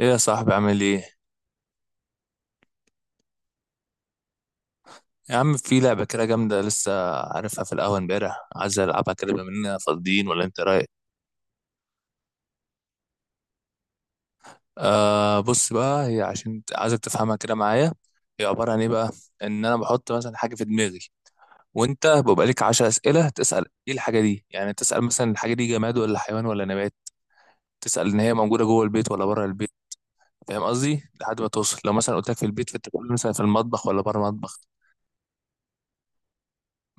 ايه يا صاحبي، عامل ايه؟ يا عم، في لعبة كده جامدة لسه عارفها في القهوة امبارح، عايز العبها كده بما اننا فاضيين ولا انت رايك؟ آه بص بقى، هي عشان عايزك تفهمها كده معايا. هي عبارة عن ايه بقى؟ ان انا بحط مثلا حاجة في دماغي، وانت بيبقى ليك 10 أسئلة تسأل ايه الحاجة دي. يعني تسأل مثلا الحاجة دي جماد ولا حيوان ولا نبات، تسأل ان هي موجودة جوه البيت ولا بره البيت. فاهم قصدي؟ لحد ما توصل. لو مثلا قلت لك في البيت، فانت تقول مثلا في المطبخ ولا بره المطبخ.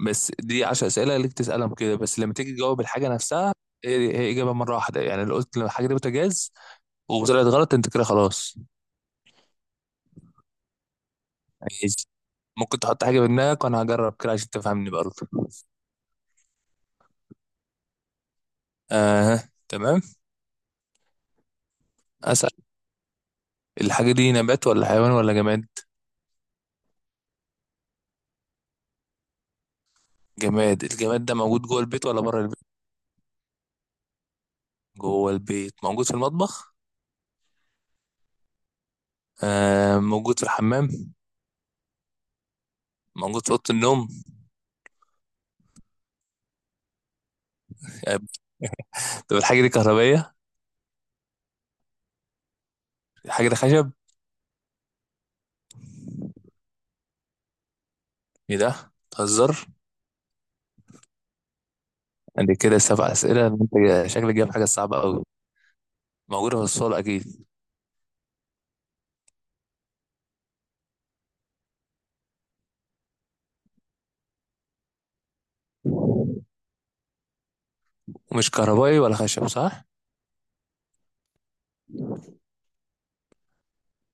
بس دي 10 اسئله ليك تسالهم كده، بس لما تيجي تجاوب الحاجه نفسها، هي هي اجابه مره واحده. يعني لو قلت لو الحاجه دي بوتاجاز وطلعت غلط، انت كده خلاص. يعني ممكن تحط حاجه في دماغك وانا هجرب كده عشان تفهمني برضه. اه، تمام. اسال. الحاجه دي نبات ولا حيوان ولا جماد؟ جماد. الجماد ده موجود جوه البيت ولا بره البيت؟ جوه البيت. موجود في المطبخ؟ آه، موجود في الحمام؟ موجود في اوضه النوم؟ آه، طب الحاجه دي كهربائيه؟ الحاجه دي خشب؟ ايه ده بتهزر؟ عندي كده سبع أسئلة، انت شكلك جايب حاجة صعبة أوي. موجودة في الصالة أكيد. ومش كهربائي ولا خشب صح؟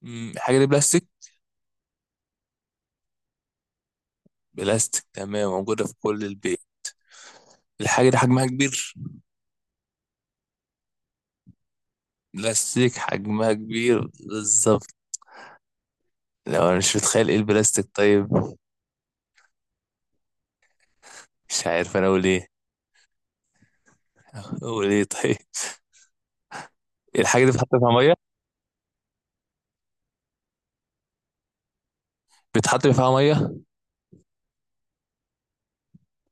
الحاجة دي بلاستيك؟ بلاستيك، تمام. موجودة في كل البيت. الحاجة دي حجمها كبير؟ بلاستيك حجمها كبير. بالظبط. لو أنا مش متخيل إيه البلاستيك طيب. مش عارف أنا أقول إيه. أقول إيه طيب. الحاجة دي بتحط فيها مية؟ بتحط فيها مية؟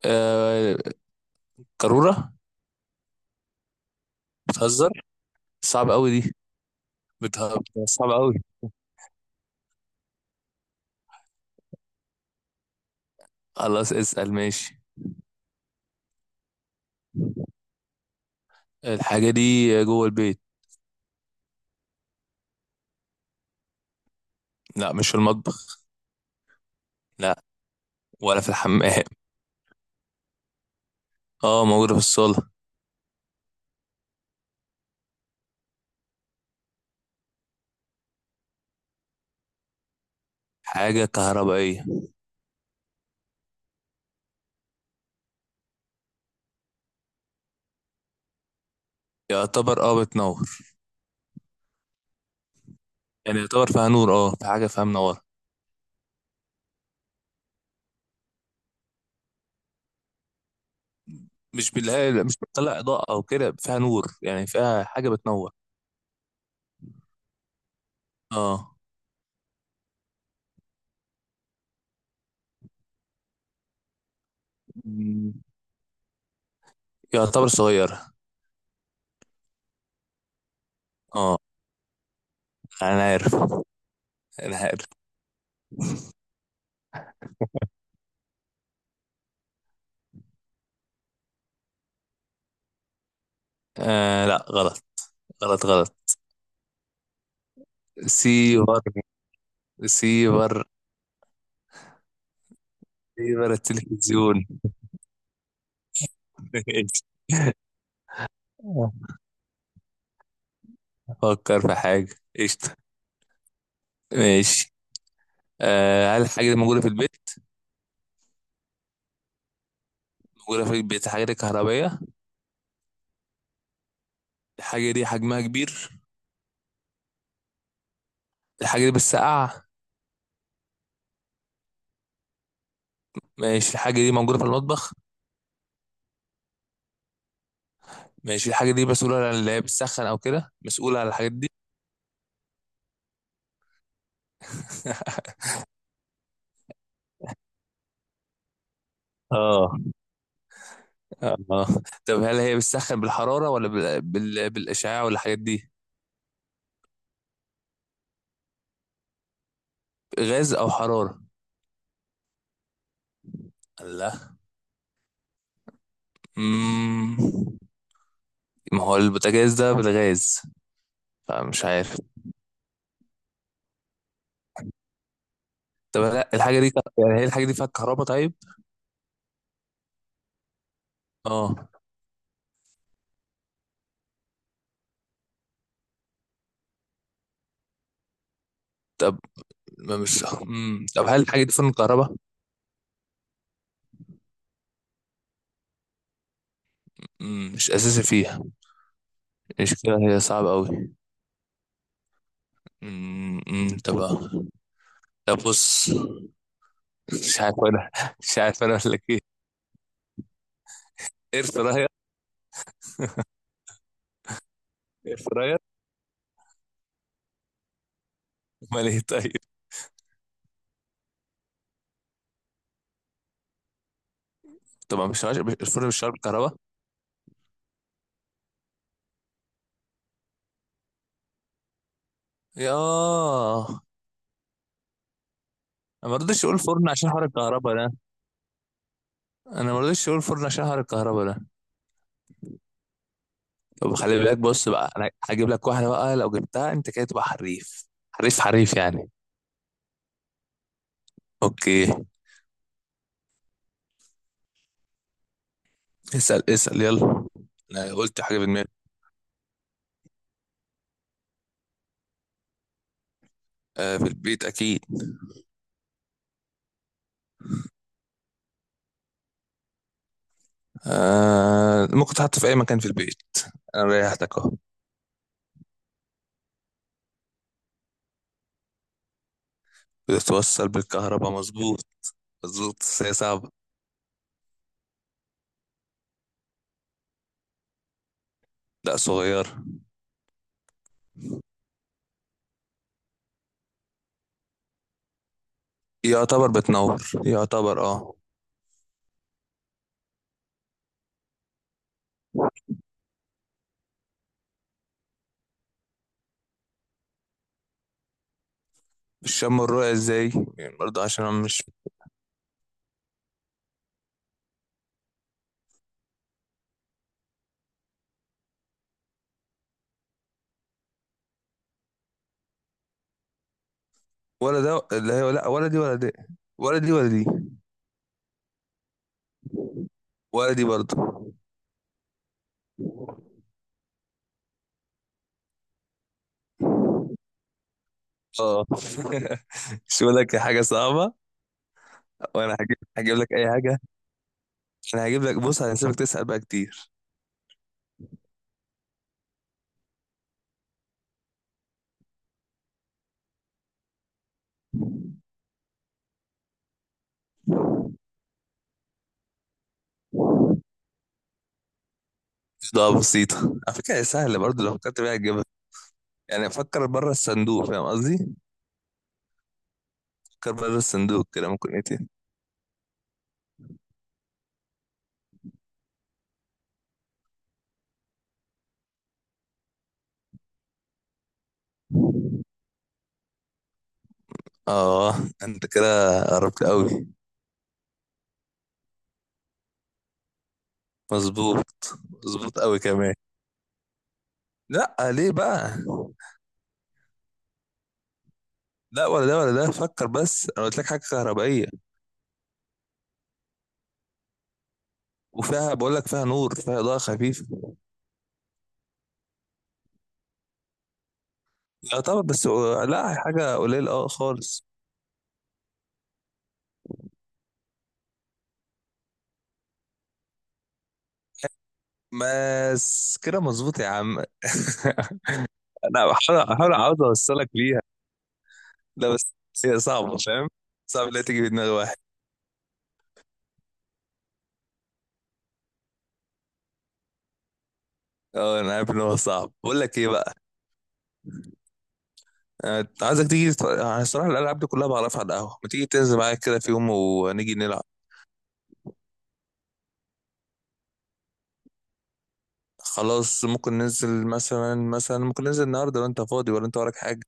آه... قارورة؟ بتهزر؟ صعب أوي دي. بتهزر صعب أوي. خلاص اسأل، ماشي. الحاجة دي جوه البيت. لا، مش في المطبخ. لا، ولا في الحمام. اه، موجودة في الصالة. حاجة كهربائية. يعتبر اه بتنور. يعني يعتبر فيها نور، اه في حاجة فيها منورة. مش بالله لا، مش بتطلع إضاءة أو كده، فيها نور يعني، فيها حاجة بتنور. اه. مم. يعتبر صغيرة. اه. أنا عارف. أنا عارف. آه لا، غلط. غلط، غلط. سيفر. سيفر. سيفر التلفزيون. فكر في حاجة. قشطة. ماشي. آه هل الحاجة دي موجودة في البيت؟ جرافيك بيت، حاجات كهربائية. الحاجة دي حجمها كبير. الحاجة دي بتسقع. ماشي، الحاجة دي موجودة في المطبخ. ماشي، الحاجة دي مسؤولة عن اللي هي بتسخن أو كده، مسؤولة عن الحاجات دي. اه. اه. طب هل هي بتسخن بالحرارة ولا بالإشعاع ولا الحاجات دي؟ غاز أو حرارة. لا. مم. ما هو البوتاجاز ده بالغاز. فمش عارف. طب لا، الحاجة دي، يعني هي الحاجة دي فيها كهرباء طيب؟ اه. طب ما مش طب هل الحاجة دي فن كهرباء؟ مم، مش اساسي فيها. المشكله هي صعبه قوي. طب. طب بص. مش عارف انا. مش عارف انا اقول لك ايه. اير فراير. اير فراير. امال ايه طيب؟ طبعا مش عارف، الفرن مش شغال بالكهرباء؟ يا. انا ما رضيتش اقول فرن عشان حوار الكهرباء ده. انا ما رضيتش اقول فرن عشان حوار الكهرباء ده. طب خلي بالك، بص بقى، انا هجيب لك واحده بقى، لو جبتها انت كده تبقى حريف حريف حريف يعني. اوكي. اسال اسال يلا. انا قلت حاجه في دماغي. آه في البيت اكيد. آه ممكن تحط في اي مكان في البيت. انا ريحتك اهو. بتتوصل بالكهرباء مظبوط. مظبوط، بس هي صعبة. لا صغير. يعتبر بتنور. يعتبر اه. الشم والرؤية ازاي؟ يعني برضه عشان انا مش. ولا ده اللي هي، لا ولا دي ولا دي. ولا دي ولا دي. ولا دي برضه. اه. مش بقول لك حاجة صعبة. وانا هجيب لك اي حاجة. انا هجيب لك بص، هسيبك تسأل بقى كتير. ده بسيطة. على فكرة هي سهلة برضه لو فكرت بيها. يعني فكر بره الصندوق، فاهم قصدي؟ فكر بره الصندوق كده، ممكن ايه تاني؟ اه، انت كده قربت قوي. مظبوط. مظبوط قوي كمان. لا، ليه بقى؟ لا ولا ده ولا ده، فكر بس، انا قلت لك حاجه كهربائيه. وفيها، بقول لك فيها نور، فيها اضاءه خفيفه. يعتبر، بس لا حاجه قليله اه خالص. بس كده مظبوط يا عم. انا بحاول احاول، عاوز اوصلك ليها. لا بس هي صعبه، فاهم؟ صعب لا تيجي في دماغ واحد. اه، انا عارف ان هو صعب. بقول لك ايه بقى، آه، عايزك تيجي أنا الصراحة الألعاب دي كلها بعرفها على القهوة، ما تيجي تنزل معايا كده في يوم ونيجي نلعب. خلاص ممكن ننزل مثلا ممكن ننزل النهاردة لو أنت فاضي، ولا أنت وراك حاجة؟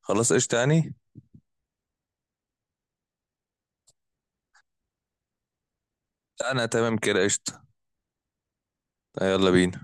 خلاص، قشطة يعني. أنا تمام كده، قشطة. يلا بينا.